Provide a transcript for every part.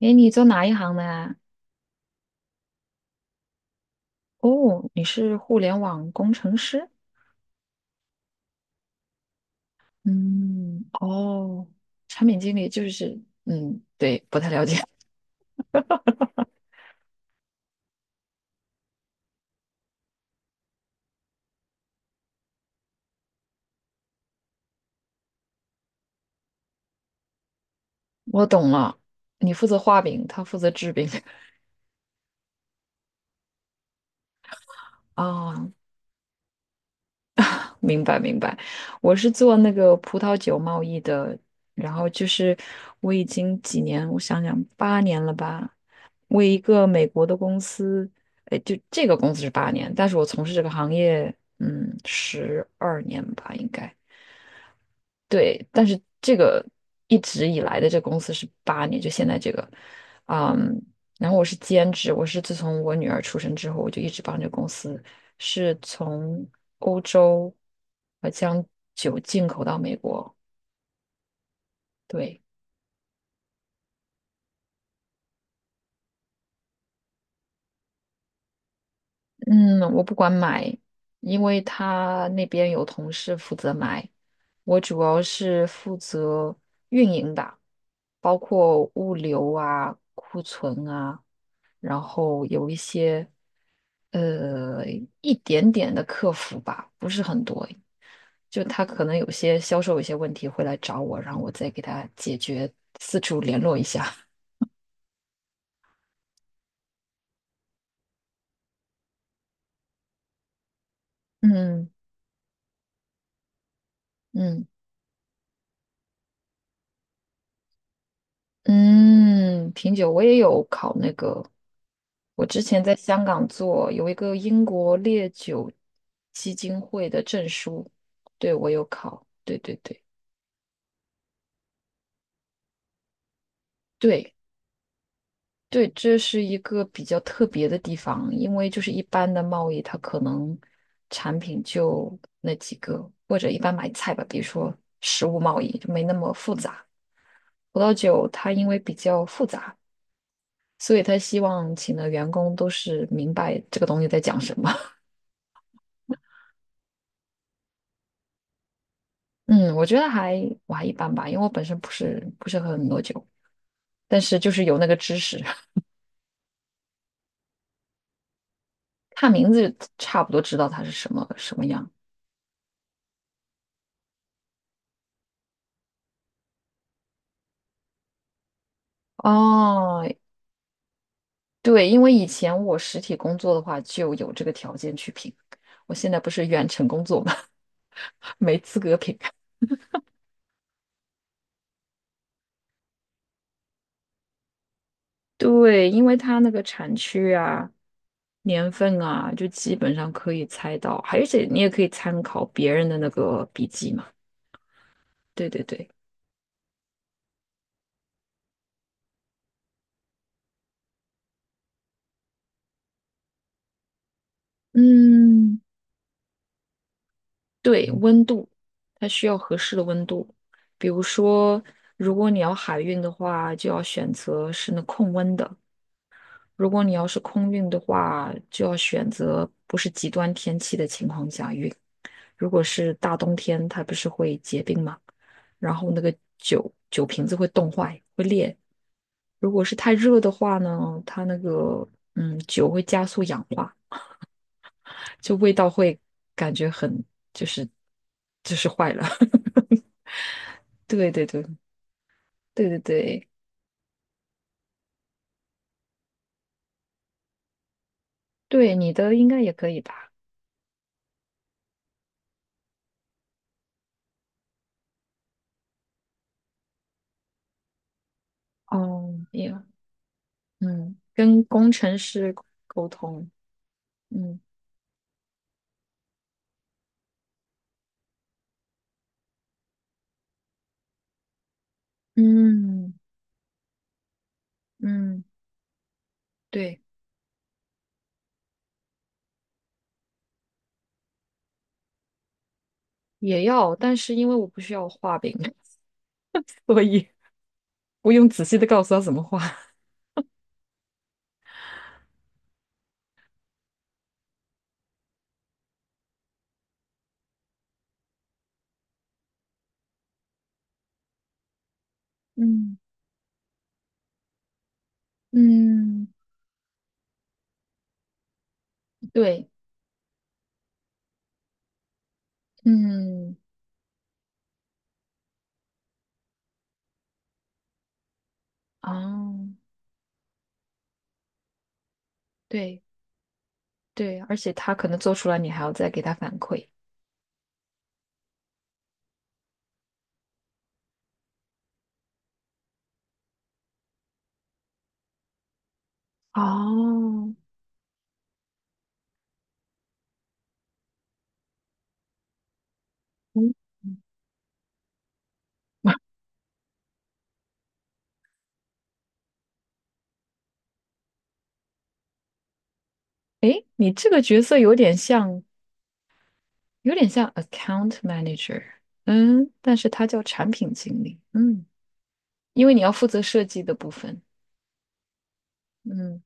诶，你做哪一行的呀？哦，你是互联网工程师？嗯，哦，产品经理就是，嗯，对，不太了解。我懂了，你负责画饼，他负责制饼。啊，明白明白。我是做那个葡萄酒贸易的，然后就是我已经几年，我想想，八年了吧，为一个美国的公司，哎，就这个公司是八年，但是我从事这个行业，嗯，12年吧，应该。对，但是这个一直以来的这公司是八年，就现在这个，嗯，然后我是兼职，我是自从我女儿出生之后，我就一直帮这个公司，是从欧洲将酒进口到美国。对，嗯，我不管买，因为他那边有同事负责买，我主要是负责运营的，包括物流啊、库存啊。然后有一些呃一点点的客服吧，不是很多。就他可能有些销售有些问题会来找我，然后我再给他解决，四处联络一下。嗯嗯嗯，品酒我也有考那个，我之前在香港做有一个英国烈酒基金会的证书，对我有考，对对对。对，对，这是一个比较特别的地方，因为就是一般的贸易，它可能产品就那几个，或者一般买菜吧，比如说食物贸易就没那么复杂。葡萄酒它因为比较复杂，所以他希望请的员工都是明白这个东西在讲什么。嗯，我觉得我还一般吧，因为我本身不是喝很多酒，但是就是有那个知识，看名字差不多知道它是什么什么样。哦，对，因为以前我实体工作的话就有这个条件去评，我现在不是远程工作嘛，没资格评。对，因为它那个产区啊、年份啊，就基本上可以猜到，而且你也可以参考别人的那个笔记嘛。对对对，嗯，对，温度，它需要合适的温度。比如说，如果你要海运的话，就要选择是那控温的。如果你要是空运的话，就要选择不是极端天气的情况下运。如果是大冬天，它不是会结冰吗？然后那个酒瓶子会冻坏，会裂。如果是太热的话呢，它那个酒会加速氧化，就味道会感觉很就是就是坏了。对对对对对对对，你的应该也可以吧？哦，也嗯，跟工程师沟通，嗯。嗯嗯，对，也要，但是因为我不需要画饼，所以不用仔细的告诉他怎么画。嗯嗯，对，嗯哦，对对，而且他可能做出来，你还要再给他反馈。哦，嗯，诶，你这个角色有点像 account manager，嗯，但是他叫产品经理，嗯，因为你要负责设计的部分，嗯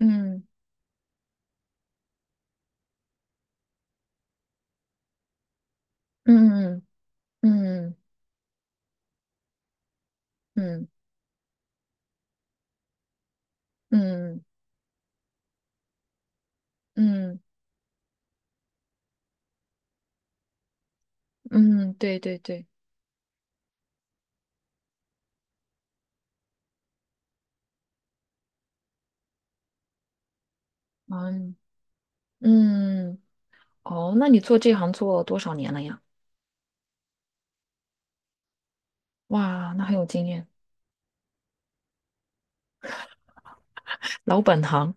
嗯嗯嗯嗯。嗯嗯嗯嗯嗯，对对对，嗯嗯，哦，那你做这行做多少年了呀？哇，那很有经验，老本行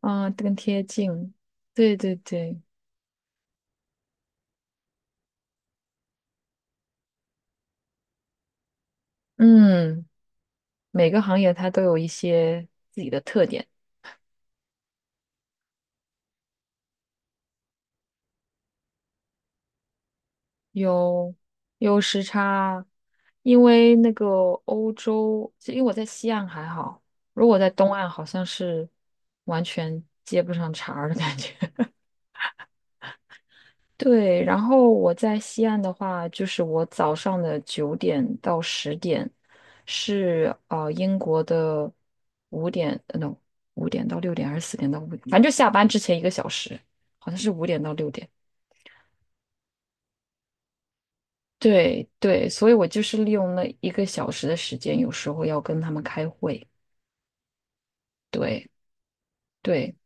啊，更贴近，对对对，嗯，每个行业它都有一些自己的特点，有有时差，因为那个欧洲，就因为我在西岸还好，如果在东岸好像是完全接不上茬儿的感觉。对，然后我在西岸的话，就是我早上的9点到10点是英国的五点no 五点到六点还是4点到5点，反正就下班之前一个小时，好像是五点到六点。对对，所以我就是利用那一个小时的时间，有时候要跟他们开会。对对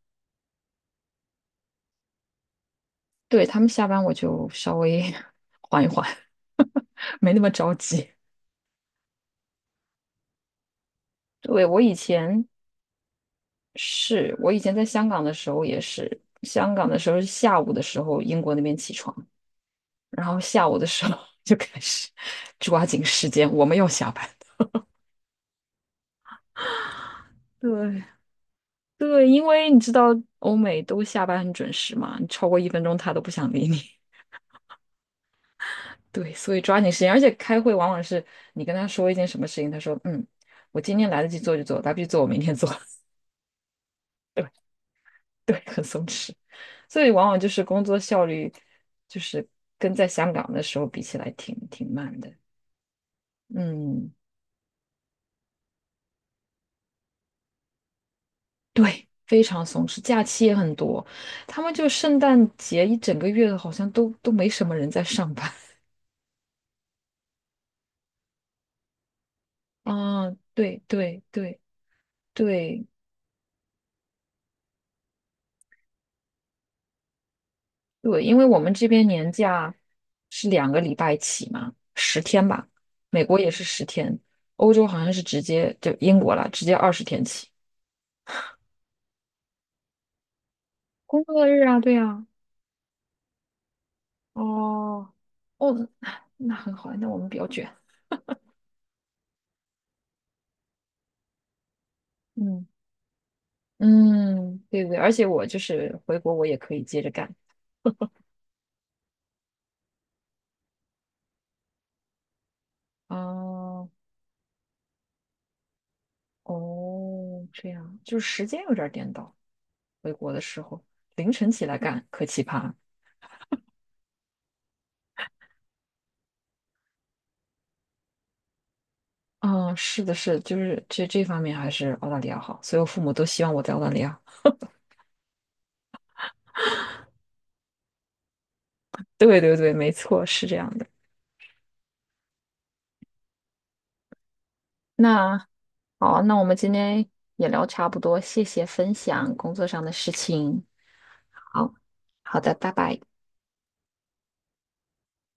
对，他们下班我就稍微 缓一缓，没那么着急。对，我以前在香港的时候也是，香港的时候是下午的时候，英国那边起床，然后下午的时候 就开始抓紧时间，我们要下班。对对，因为你知道欧美都下班很准时嘛，你超过一分钟他都不想理你。对，所以抓紧时间，而且开会往往是你跟他说一件什么事情，他说嗯，我今天来得及做就做，来不及做我明天做。对，很松弛，所以往往就是工作效率，就是跟在香港的时候比起来挺慢的。嗯，对，非常松弛，假期也很多，他们就圣诞节一整个月好像都没什么人在上班。啊，对对对对对，因为我们这边年假是2个礼拜起嘛，十天吧，美国也是十天，欧洲好像是直接就英国了，直接20天起。工作日啊，对啊，哦，哦，那很好，那我们比较卷。嗯嗯，对对，而且我就是回国，我也可以接着干。哦哦，这样就是时间有点儿颠倒。回国的时候凌晨起来干，可奇葩了。嗯，是的是的，就是这方面还是澳大利亚好，所以我父母都希望我在澳大利亚。对对对，没错，是这样的。那好啊那我们今天也聊差不多，谢谢分享工作上的事情。好，好的，拜拜。